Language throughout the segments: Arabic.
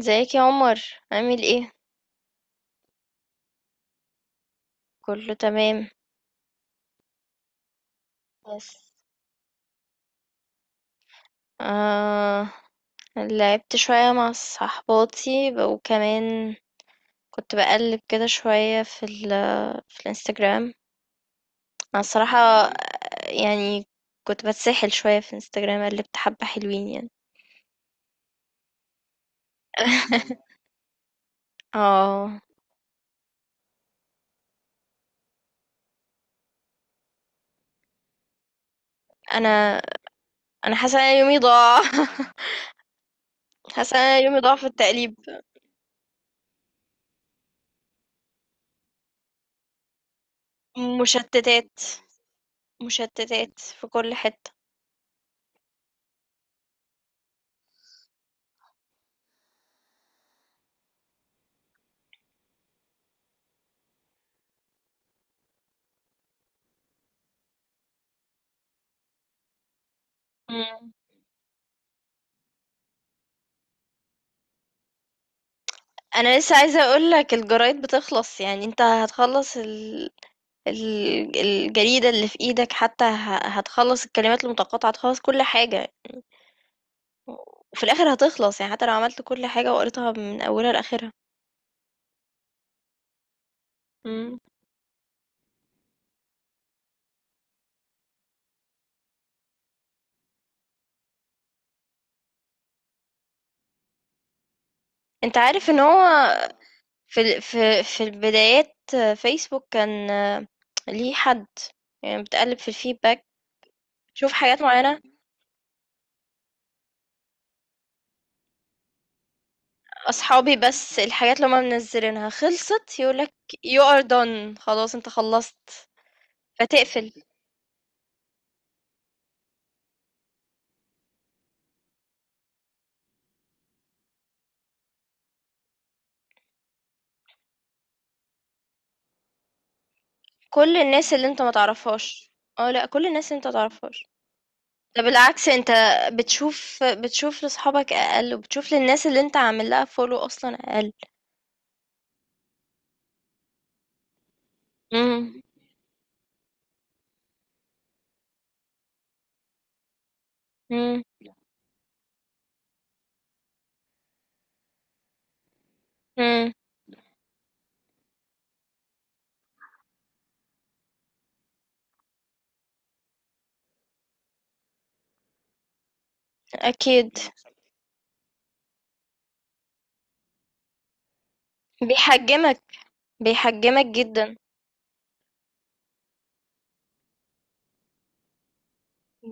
ازيك يا عمر؟ عامل ايه؟ كله تمام. بس آه لعبت شوية مع صحباتي وكمان كنت بقلب كده شوية في الانستجرام. انا الصراحة يعني كنت بتسحل شوية في الانستجرام، قلبت حبة حلوين يعني. اه، انا انا حاسة ان أنا يومي ضاع. حاسة ان أنا يومي ضاع في التقليب. مشتتات، مشتتات في كل حتة. انا لسه عايزه اقول لك الجرايد بتخلص، يعني انت هتخلص الجريده اللي في ايدك، حتى هتخلص الكلمات المتقاطعه، هتخلص كل حاجه. وفي الاخر هتخلص، يعني حتى لو عملت كل حاجه وقريتها من اولها لاخرها. مم. انت عارف ان هو في ال... في في البدايات فيسبوك كان ليه حد، يعني بتقلب في الفيدباك، شوف حاجات معينة. أصحابي بس الحاجات اللي هما منزلينها خلصت، يقولك you are done، خلاص انت خلصت، فتقفل. كل الناس اللي أنت ما تعرفهاش. آه لأ، كل الناس اللي أنت ما تعرفهاش. ده بالعكس، أنت بتشوف لصحابك أقل، وبتشوف للناس اللي أنت عامل لها follow أصلًا أقل. إمم. إمم. إمم. أكيد. بيحجمك، بيحجمك جدًا،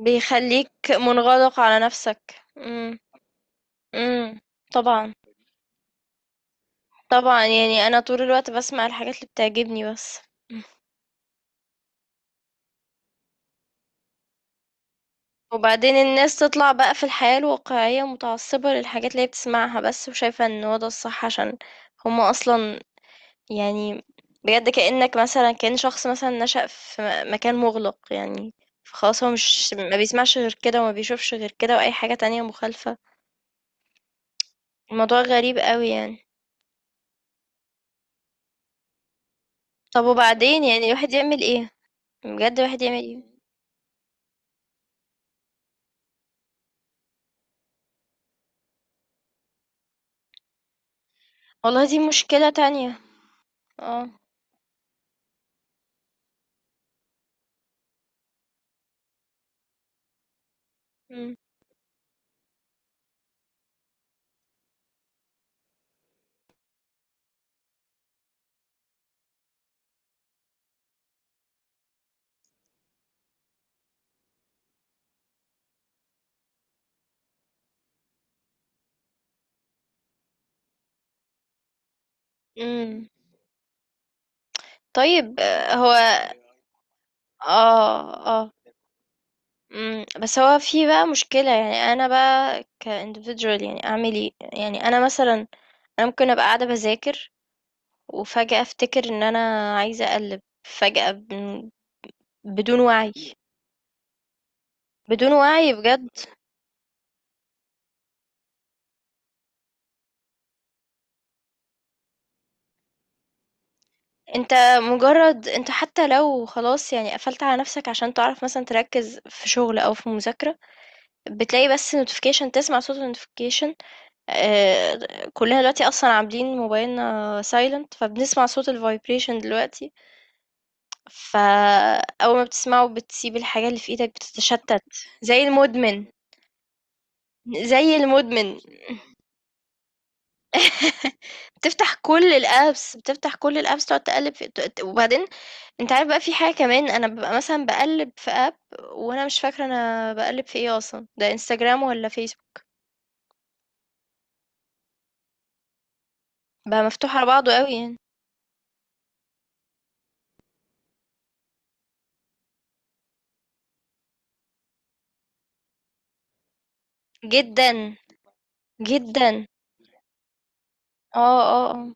بيخلّيك منغلق على نفسك. إمم. إمم. طبعًا، طبعًا، يعني أنا طول الوقت باسمع الحاجات اللي بتعجبني بس. وبعدين الناس تطلع بقى في الحياة الواقعية متعصبة للحاجات اللي هي بتسمعها بس، وشايفة ان هو ده الصح، عشان هما اصلا يعني بجد كأنك مثلا، كأن شخص مثلا نشأ في مكان مغلق، يعني فخلاص هو مش ما بيسمعش غير كده وما بيشوفش غير كده، واي حاجة تانية مخالفة. الموضوع غريب قوي يعني. طب وبعدين يعني الواحد يعمل ايه؟ بجد الواحد يعمل ايه؟ والله دي مشكلة تانية. اه. امم. طيب. آه، هو اه آه. بس هو في بقى مشكلة، يعني أنا بقى ك individual يعني أعمل إيه؟ يعني أنا مثلا، أنا ممكن أبقى قاعدة بذاكر وفجأة أفتكر إن أنا عايزة أقلب، فجأة بدون وعي، بدون وعي بجد. أنت مجرد أنت، حتى لو خلاص يعني قفلت على نفسك عشان تعرف مثلا تركز في شغل أو في مذاكرة، بتلاقي بس notification، تسمع صوت notification. آه. كلنا دلوقتي أصلا عاملين موبايلنا silent، فبنسمع صوت الفايبريشن دلوقتي، فأول ما بتسمعه بتسيب الحاجة اللي في إيدك، بتتشتت. زي المدمن، زي المدمن. بتفتح كل الابس، بتفتح كل الابس، تقعد تقلب وبعدين. انت عارف بقى في حاجة كمان، انا ببقى مثلا بقلب في اب، وانا مش فاكرة انا بقلب في ايه اصلا، ده انستجرام ولا فيسبوك. بقى مفتوح على بعضه قوي يعني. جدا، جدا. اه اه اه.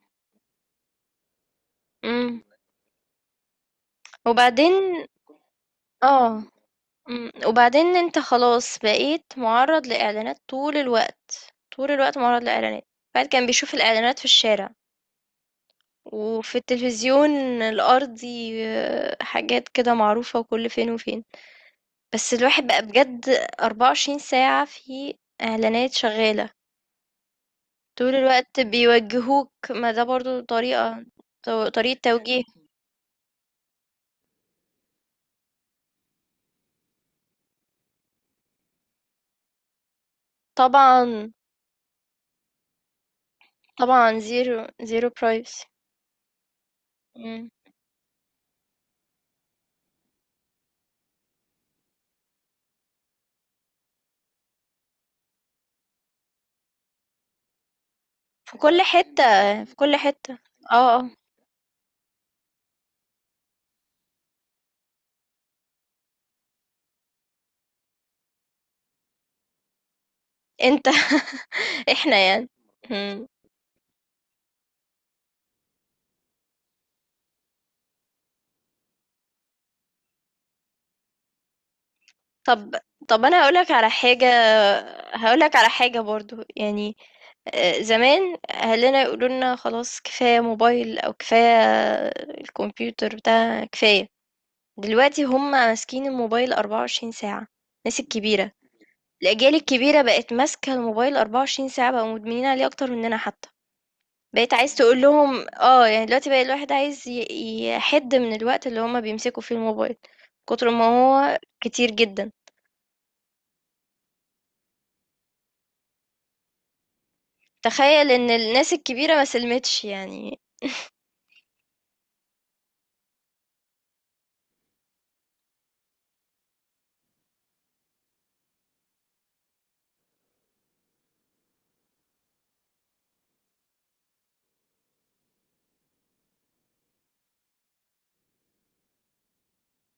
امم. وبعدين اه إمم، وبعدين أنت خلاص بقيت مُعرّض لإعلانات طول الوقت، طول الوقت مُعرّض لإعلانات. الواحد كان بيشوف الإعلانات في الشارع، وفي التلفزيون الأرضي، آه، حاجات كده معروفة وكل فين وفين، بس الواحد بقى بجد 24 ساعة في إعلانات شغّالة، طول الوقت بيوجّهوك. ما ده برضه طريقة، طريقة توجيه. طبعًا، طبعًا zero zero privacy. إمم. في كل حتة، في كل حتة. آه، آه. انت. احنا يعني. مم. طب، طب انا هقولك على حاجة، هقولك على حاجة برضو يعني. آه، زمان اهلنا يقولوا لنا خلاص كفاية موبايل، او كفاية الكمبيوتر بتاع كفاية. دلوقتي هم ماسكين الموبايل 24 ساعة، الناس الكبيرة، الاجيال الكبيرة بقت ماسكة الموبايل 24 ساعة، بقوا مدمنين عليه اكتر مننا حتى. بقيت عايز تقول لهم اه، يعني دلوقتي بقى الواحد عايز يحد من الوقت اللي هما بيمسكوا فيه الموبايل، كتر ما هو كتير جدا. تخيل ان الناس الكبيرة ما سلمتش يعني.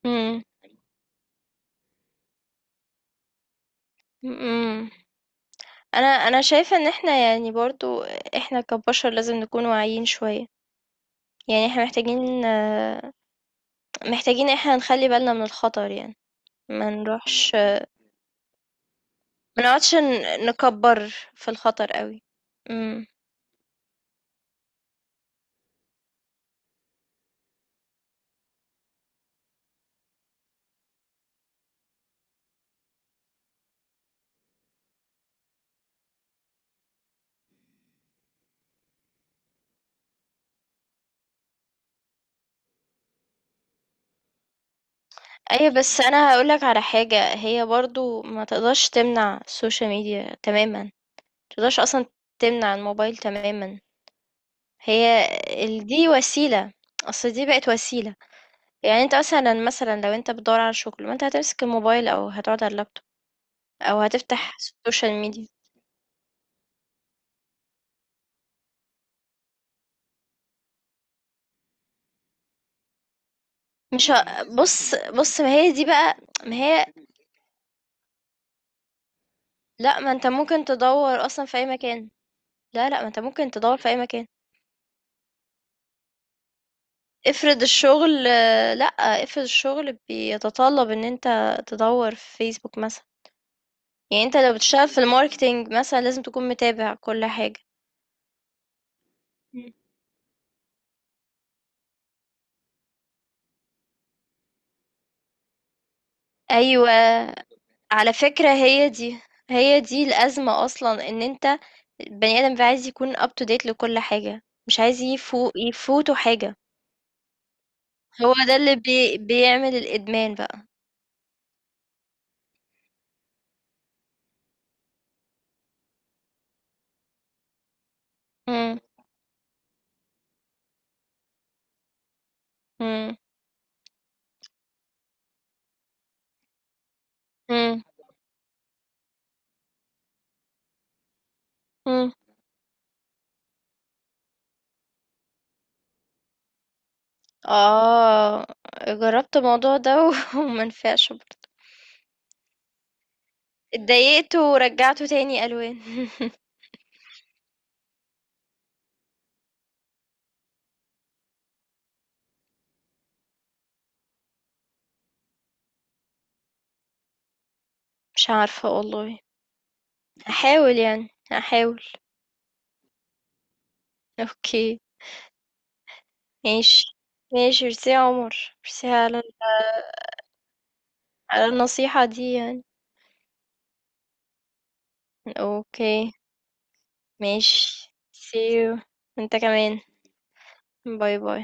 امم. امم. انا شايفة ان احنا يعني برضو احنا كبشر لازم نكون واعيين شوية، يعني احنا محتاجين آه، محتاجين احنا نخلي بالنا من الخطر يعني، ما نروحش، ما نقعدش نكبر في الخطر قوي. امم. ايوه، بس انا هقولك على حاجة، هي برضو ما تقدرش تمنع السوشيال ميديا تماما، ما تقدرش اصلا تمنع الموبايل تماما. هي دي وسيلة، اصل دي بقت وسيلة، يعني انت مثلا، لو انت بتدور على شغل ما انت هتمسك الموبايل او هتقعد على اللابتوب، او هتفتح السوشيال ميديا. مش ه... بص، بص، ما هي دي بقى، ما هي، لا ما انت ممكن تدور اصلا في اي مكان، لا لا، ما انت ممكن تدور في اي مكان. افرض الشغل، لأ، افرض الشغل بيتطلب إن أنت تدوّر في فيسبوك مثلًا، يعني أنت لو بتشتغل في الmarketing مثلًا لازم تكون متابع كل حاجة. إمم. أيوه، على فكرة هي دي، هي دي الأزمة أصلًا، إن أنت البني آدم بيبقى عايز يكون up to date لكل حاجة، مش عايز يفوته حاجة، هو ده اللي بيعمل الإدمان بقى. إمم. إمم. إمم. إمم. آه، جرّبت الموضوع ده وما نفعش. برضه اتضايقت ورجعته تاني ألوان. مش عارفة والله. هاحاول، يعني هاحاول. أوكي. ماشي. ماشي، ميرسي يا عمر، ميرسي على النصيحة دي يعني. أوكي. ماشي. see you. انت كمان. باي باي.